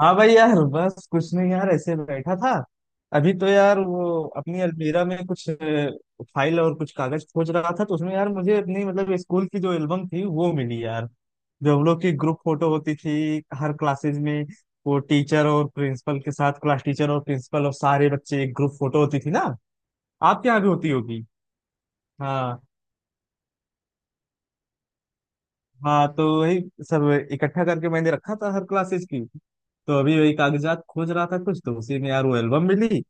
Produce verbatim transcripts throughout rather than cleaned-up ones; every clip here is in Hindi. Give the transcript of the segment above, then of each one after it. हाँ भाई यार बस कुछ नहीं यार, ऐसे बैठा था। अभी तो यार वो अपनी अलमीरा में कुछ अ, फाइल और कुछ कागज खोज रहा था, तो उसमें यार मुझे अपनी मतलब स्कूल की जो एल्बम थी वो मिली यार। जो हम लोग की ग्रुप फोटो होती थी हर क्लासेज में, वो टीचर और प्रिंसिपल के साथ क्लास टीचर और प्रिंसिपल और सारे बच्चे एक ग्रुप फोटो होती थी ना। आपके यहाँ भी होती होगी। हाँ। हाँ तो वही सब इकट्ठा करके मैंने रखा था हर क्लासेज की। तो अभी वही कागजात खोज रहा था कुछ, तो उसी में यार वो एल्बम मिली।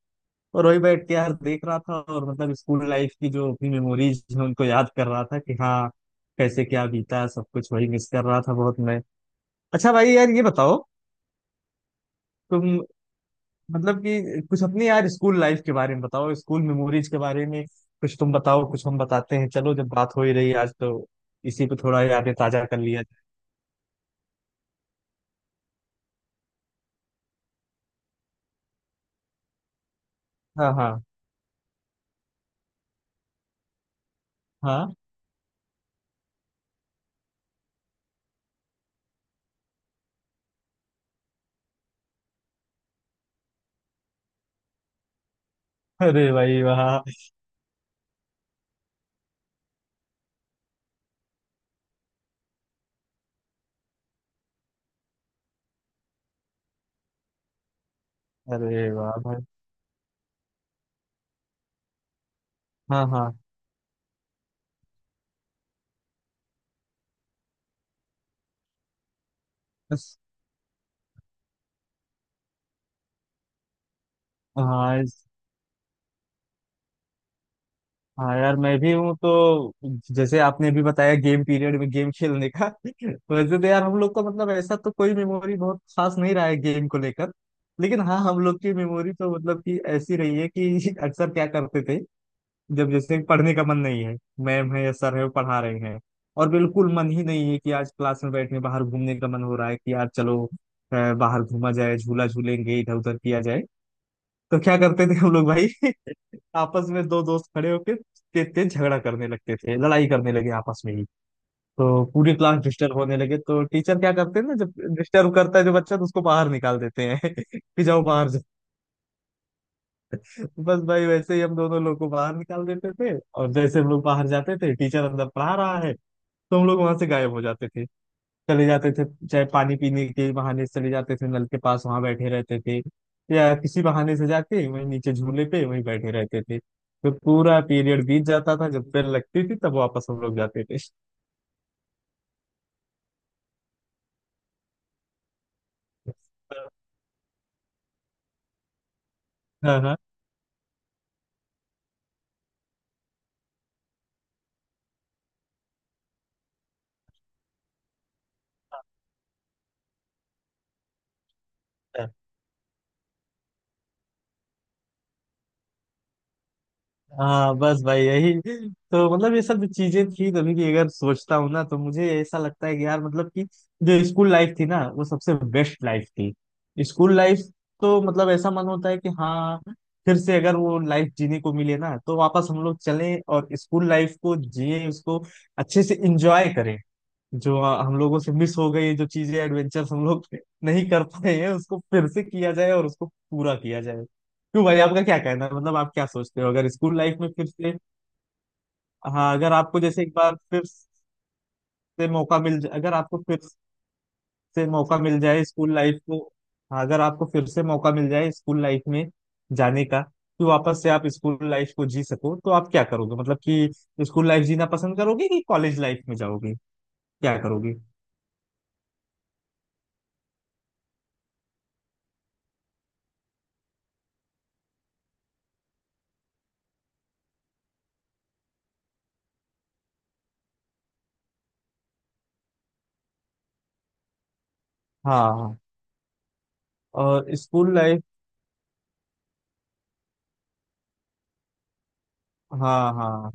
और वही बैठ के यार देख रहा था, और मतलब स्कूल लाइफ की जो अपनी मेमोरीज हैं उनको याद कर रहा था कि हाँ, कैसे क्या बीता है, सब कुछ। वही मिस कर रहा था बहुत मैं। अच्छा भाई यार ये बताओ तुम, मतलब कि कुछ अपनी यार स्कूल लाइफ के बारे में बताओ, स्कूल मेमोरीज के बारे में। कुछ तुम बताओ कुछ हम बताते हैं, चलो। जब बात हो ही रही आज तो इसी पे थोड़ा यादें ताजा कर लिया जाए। हाँ। हाँ। हाँ। अरे भाई वाह। अरे वाह भाई। हाँ। हाँ। बस। हाँ। हाँ यार मैं भी हूँ तो, जैसे आपने अभी बताया गेम पीरियड में गेम खेलने का। वैसे तो यार हम लोग का मतलब ऐसा तो कोई मेमोरी बहुत खास नहीं रहा है गेम को लेकर। लेकिन हाँ, हम लोग की मेमोरी तो मतलब कि ऐसी रही है कि अक्सर क्या करते थे, जब जैसे पढ़ने का मन नहीं है, मैम है या सर है वो पढ़ा रहे हैं, और बिल्कुल मन ही नहीं है कि आज क्लास में बैठने, बाहर घूमने का मन हो रहा है कि यार चलो अ, बाहर घूमा जाए, झूला झूलेंगे, इधर उधर किया जाए। तो क्या करते थे हम लोग भाई, आपस में दो दोस्त खड़े होकर तेज तेज झगड़ा करने लगते थे, लड़ाई करने लगे आपस में ही। तो पूरी क्लास डिस्टर्ब होने लगे तो टीचर क्या करते हैं ना, जब डिस्टर्ब करता है जो बच्चा तो उसको बाहर निकाल देते हैं कि जाओ बाहर जाओ। बस भाई, वैसे ही हम दोनों लोग को बाहर निकाल देते थे, और जैसे हम लोग बाहर जाते थे टीचर अंदर पढ़ा रहा है, तो हम लोग वहां से गायब हो जाते थे। चले जाते थे, चाहे पानी पीने के बहाने से चले जाते थे नल के पास वहां बैठे रहते थे, या किसी बहाने से जाके वहीं नीचे झूले पे वहीं बैठे रहते थे। तो पूरा पीरियड बीत जाता था, जब बेल लगती थी तब वापस हम लोग जाते थे। हाँ। हाँ। हाँ, बस भाई यही। तो मतलब ये सब जो चीजें थी तभी की अगर सोचता हूँ ना, तो मुझे ऐसा लगता है कि यार, मतलब कि जो स्कूल लाइफ थी ना वो सबसे बेस्ट लाइफ थी, स्कूल लाइफ। तो मतलब ऐसा मन होता है कि हाँ, फिर से अगर वो लाइफ जीने को मिले ना तो वापस हम लोग चलें और स्कूल लाइफ को जिए, उसको अच्छे से इंजॉय करें। जो आ, हम लोगों से मिस हो गई, जो चीजें एडवेंचर्स हम लोग नहीं कर पाए हैं उसको फिर से किया जाए, और उसको पूरा किया जाए। क्यों भाई, आपका क्या कहना है, मतलब आप क्या सोचते हो, अगर स्कूल लाइफ में फिर से, हाँ, अगर आपको जैसे एक बार फिर से मौका मिल जाए, अगर आपको फिर से मौका मिल जाए स्कूल लाइफ को, हाँ, अगर आपको फिर से मौका मिल जाए स्कूल लाइफ में जाने का, कि वापस से आप स्कूल लाइफ को जी सको, तो आप क्या करोगे? मतलब कि स्कूल लाइफ जीना पसंद करोगे कि कॉलेज लाइफ में जाओगे, क्या करोगे? हाँ। हाँ। और स्कूल लाइफ। हाँ। हाँ।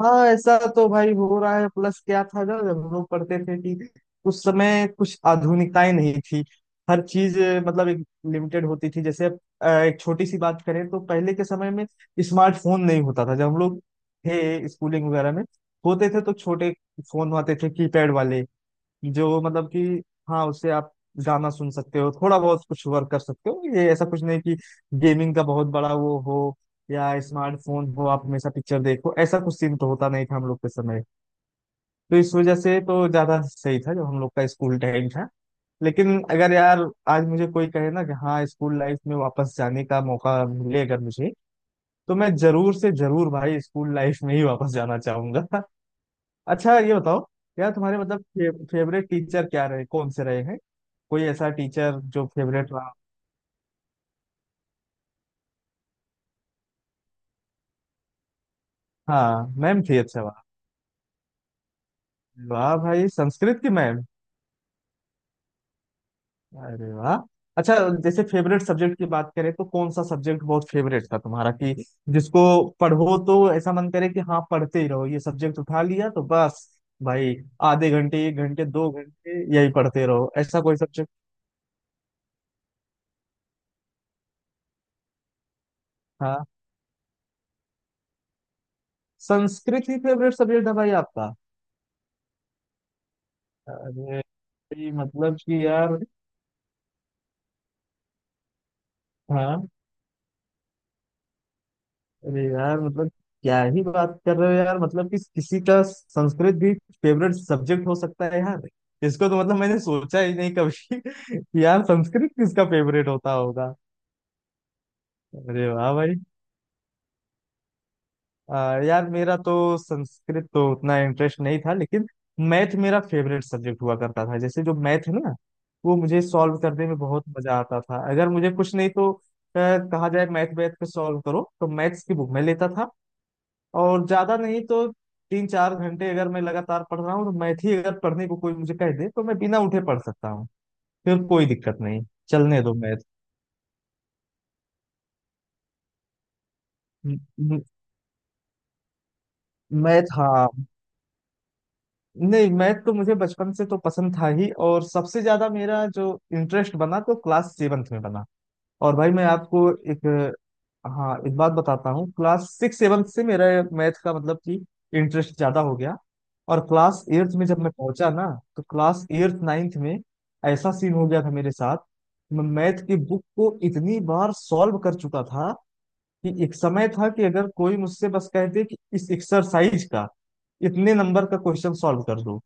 हाँ, ऐसा तो भाई हो रहा है प्लस। क्या था ना, जब हम लोग पढ़ते थे कि उस समय कुछ आधुनिकताएं नहीं थी, हर चीज अ, मतलब एक लिमिटेड होती थी। जैसे अब, अ, एक छोटी सी बात करें तो पहले के समय में स्मार्टफोन नहीं होता था, जब हम लोग थे स्कूलिंग वगैरह में होते थे तो छोटे फोन आते थे कीपैड वाले, जो मतलब कि हाँ, उससे आप गाना सुन सकते हो, थोड़ा बहुत कुछ वर्क कर सकते हो, ये ऐसा कुछ नहीं कि गेमिंग का बहुत बड़ा वो हो या स्मार्टफोन हो आप हमेशा पिक्चर देखो, ऐसा कुछ सीन तो होता नहीं था हम लोग के समय। तो इस वजह से तो ज्यादा सही था जो हम लोग का स्कूल टाइम था। लेकिन अगर यार आज मुझे कोई कहे ना कि हाँ, स्कूल लाइफ में वापस जाने का मौका मिले अगर मुझे, तो मैं जरूर से जरूर भाई स्कूल लाइफ में ही वापस जाना चाहूंगा। अच्छा ये बताओ यार, तुम्हारे मतलब फे, फेवरेट टीचर क्या रहे कौन से रहे हैं, कोई ऐसा टीचर जो फेवरेट रहा? हाँ, मैम थी, अच्छा वाह। वाह भाई, संस्कृत की मैम। अरे वाह। अच्छा, जैसे फेवरेट सब्जेक्ट की बात करें तो कौन सा सब्जेक्ट बहुत फेवरेट था तुम्हारा, कि जिसको पढ़ो तो ऐसा मन करे कि हाँ पढ़ते ही रहो, ये सब्जेक्ट उठा लिया तो बस भाई आधे घंटे एक घंटे दो घंटे यही पढ़ते रहो, ऐसा कोई सब्जेक्ट? हाँ। संस्कृत ही फेवरेट सब्जेक्ट था भाई आपका? अरे, ये मतलब कि यार, हाँ, अरे यार मतलब क्या ही बात कर रहे हो यार, मतलब कि किसी का संस्कृत भी फेवरेट सब्जेक्ट हो सकता है यार, इसको तो मतलब मैंने सोचा ही नहीं कभी कि यार संस्कृत किसका फेवरेट होता होगा। अरे वाह भाई। आ, यार मेरा तो संस्कृत तो उतना इंटरेस्ट नहीं था, लेकिन मैथ मेरा फेवरेट सब्जेक्ट हुआ करता था, जैसे जो मैथ है ना वो मुझे सॉल्व करने में बहुत मजा आता था। अगर मुझे कुछ नहीं तो अ, कहा जाए मैथ, मैथ पे सॉल्व करो तो मैथ्स की बुक मैं लेता था, और ज्यादा नहीं तो तीन चार घंटे अगर मैं लगातार पढ़ रहा हूँ तो मैथ ही अगर पढ़ने को कोई मुझे कह दे तो मैं बिना उठे पढ़ सकता हूँ, फिर कोई दिक्कत नहीं। चलने दो। मैथ। मैथ। हाँ। नहीं, मैथ तो मुझे बचपन से तो पसंद था ही, और सबसे ज्यादा मेरा जो इंटरेस्ट बना तो क्लास सेवन्थ में बना। और भाई मैं आपको एक, हाँ एक बात बताता हूँ, क्लास सिक्स सेवन्थ से मेरा मैथ का मतलब कि इंटरेस्ट ज्यादा हो गया, और क्लास एट्थ में जब मैं पहुंचा ना तो क्लास एट्थ नाइन्थ में ऐसा सीन हो गया था मेरे साथ। मैं मैथ की बुक को इतनी बार सॉल्व कर चुका था कि एक समय था कि अगर कोई मुझसे बस कहते कि इस एक्सरसाइज का इतने नंबर का क्वेश्चन सॉल्व कर दो,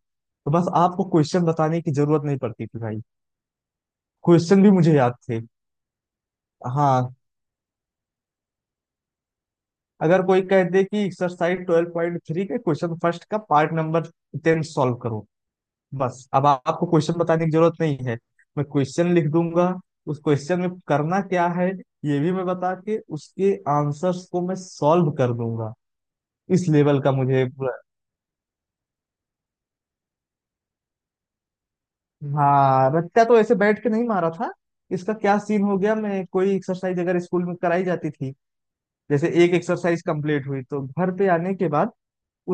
तो बस आपको क्वेश्चन बताने की जरूरत नहीं पड़ती थी भाई, क्वेश्चन भी मुझे याद थे। हाँ, अगर कोई कहते कि एक्सरसाइज ट्वेल्व पॉइंट थ्री के क्वेश्चन फर्स्ट का पार्ट नंबर टेन सॉल्व करो, बस अब आपको क्वेश्चन बताने की जरूरत नहीं है, मैं क्वेश्चन लिख दूंगा, उस क्वेश्चन में करना क्या है ये भी मैं बता के उसके आंसर्स को मैं सॉल्व कर दूंगा, इस लेवल का मुझे। हाँ, रट्टा तो ऐसे बैठ के नहीं मारा था, इसका क्या सीन हो गया, मैं कोई एक्सरसाइज अगर स्कूल में कराई जाती थी, जैसे एक एक्सरसाइज कंप्लीट हुई तो घर पे आने के बाद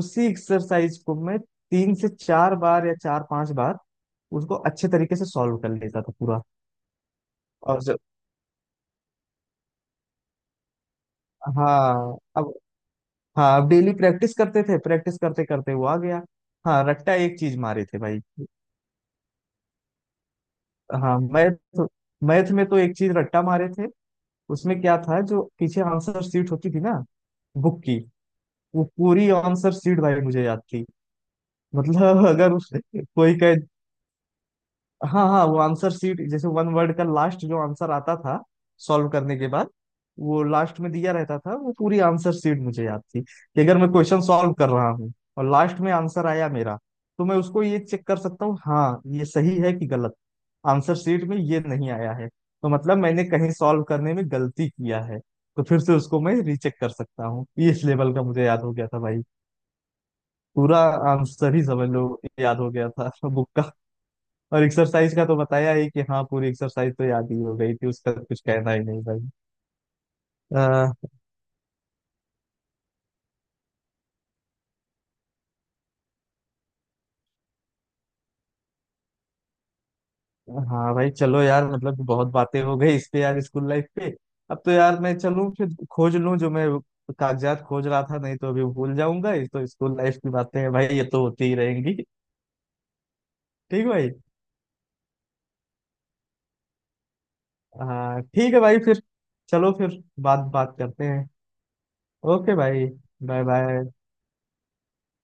उसी एक्सरसाइज को मैं तीन से चार बार या चार पांच बार उसको अच्छे तरीके से सॉल्व कर लेता था पूरा। और जब, हाँ अब, हाँ अब डेली प्रैक्टिस करते थे, प्रैक्टिस करते करते वो आ गया। हाँ, रट्टा एक चीज मारे थे भाई। हाँ मैथ, मैथ में तो एक चीज रट्टा मारे थे, उसमें क्या था जो पीछे आंसर शीट होती थी ना बुक की, वो पूरी आंसर शीट भाई मुझे याद थी, मतलब अगर उस कोई कहे, हाँ हाँ वो आंसर शीट जैसे वन वर्ड का लास्ट जो आंसर आता था सॉल्व करने के बाद, वो लास्ट में दिया रहता था, वो पूरी आंसर शीट मुझे याद थी कि अगर मैं क्वेश्चन सॉल्व कर रहा हूँ और लास्ट में आंसर आया मेरा, तो मैं उसको ये चेक कर सकता हूँ, हाँ ये सही है कि गलत। आंसर शीट में ये नहीं आया है तो मतलब मैंने कहीं सॉल्व करने में गलती किया है, तो फिर से उसको मैं रीचेक कर सकता हूँ, ये इस लेवल का मुझे याद हो गया था भाई, पूरा आंसर ही समझ लो, याद हो गया था बुक का, और एक्सरसाइज का तो बताया ही कि हाँ पूरी एक्सरसाइज तो याद ही हो गई थी, उसका कुछ कहना ही नहीं भाई। अह, हाँ भाई चलो यार, मतलब कि बहुत बातें हो गई इस पे यार स्कूल लाइफ पे, अब तो यार मैं चलूँ फिर खोज लूँ जो मैं कागजात खोज रहा था, नहीं तो अभी भूल जाऊंगा, ये तो स्कूल लाइफ की बातें हैं भाई, ये तो होती ही रहेंगी। ठीक भाई। हाँ ठीक है भाई फिर, चलो फिर बात बात करते हैं। ओके भाई, बाय बाय।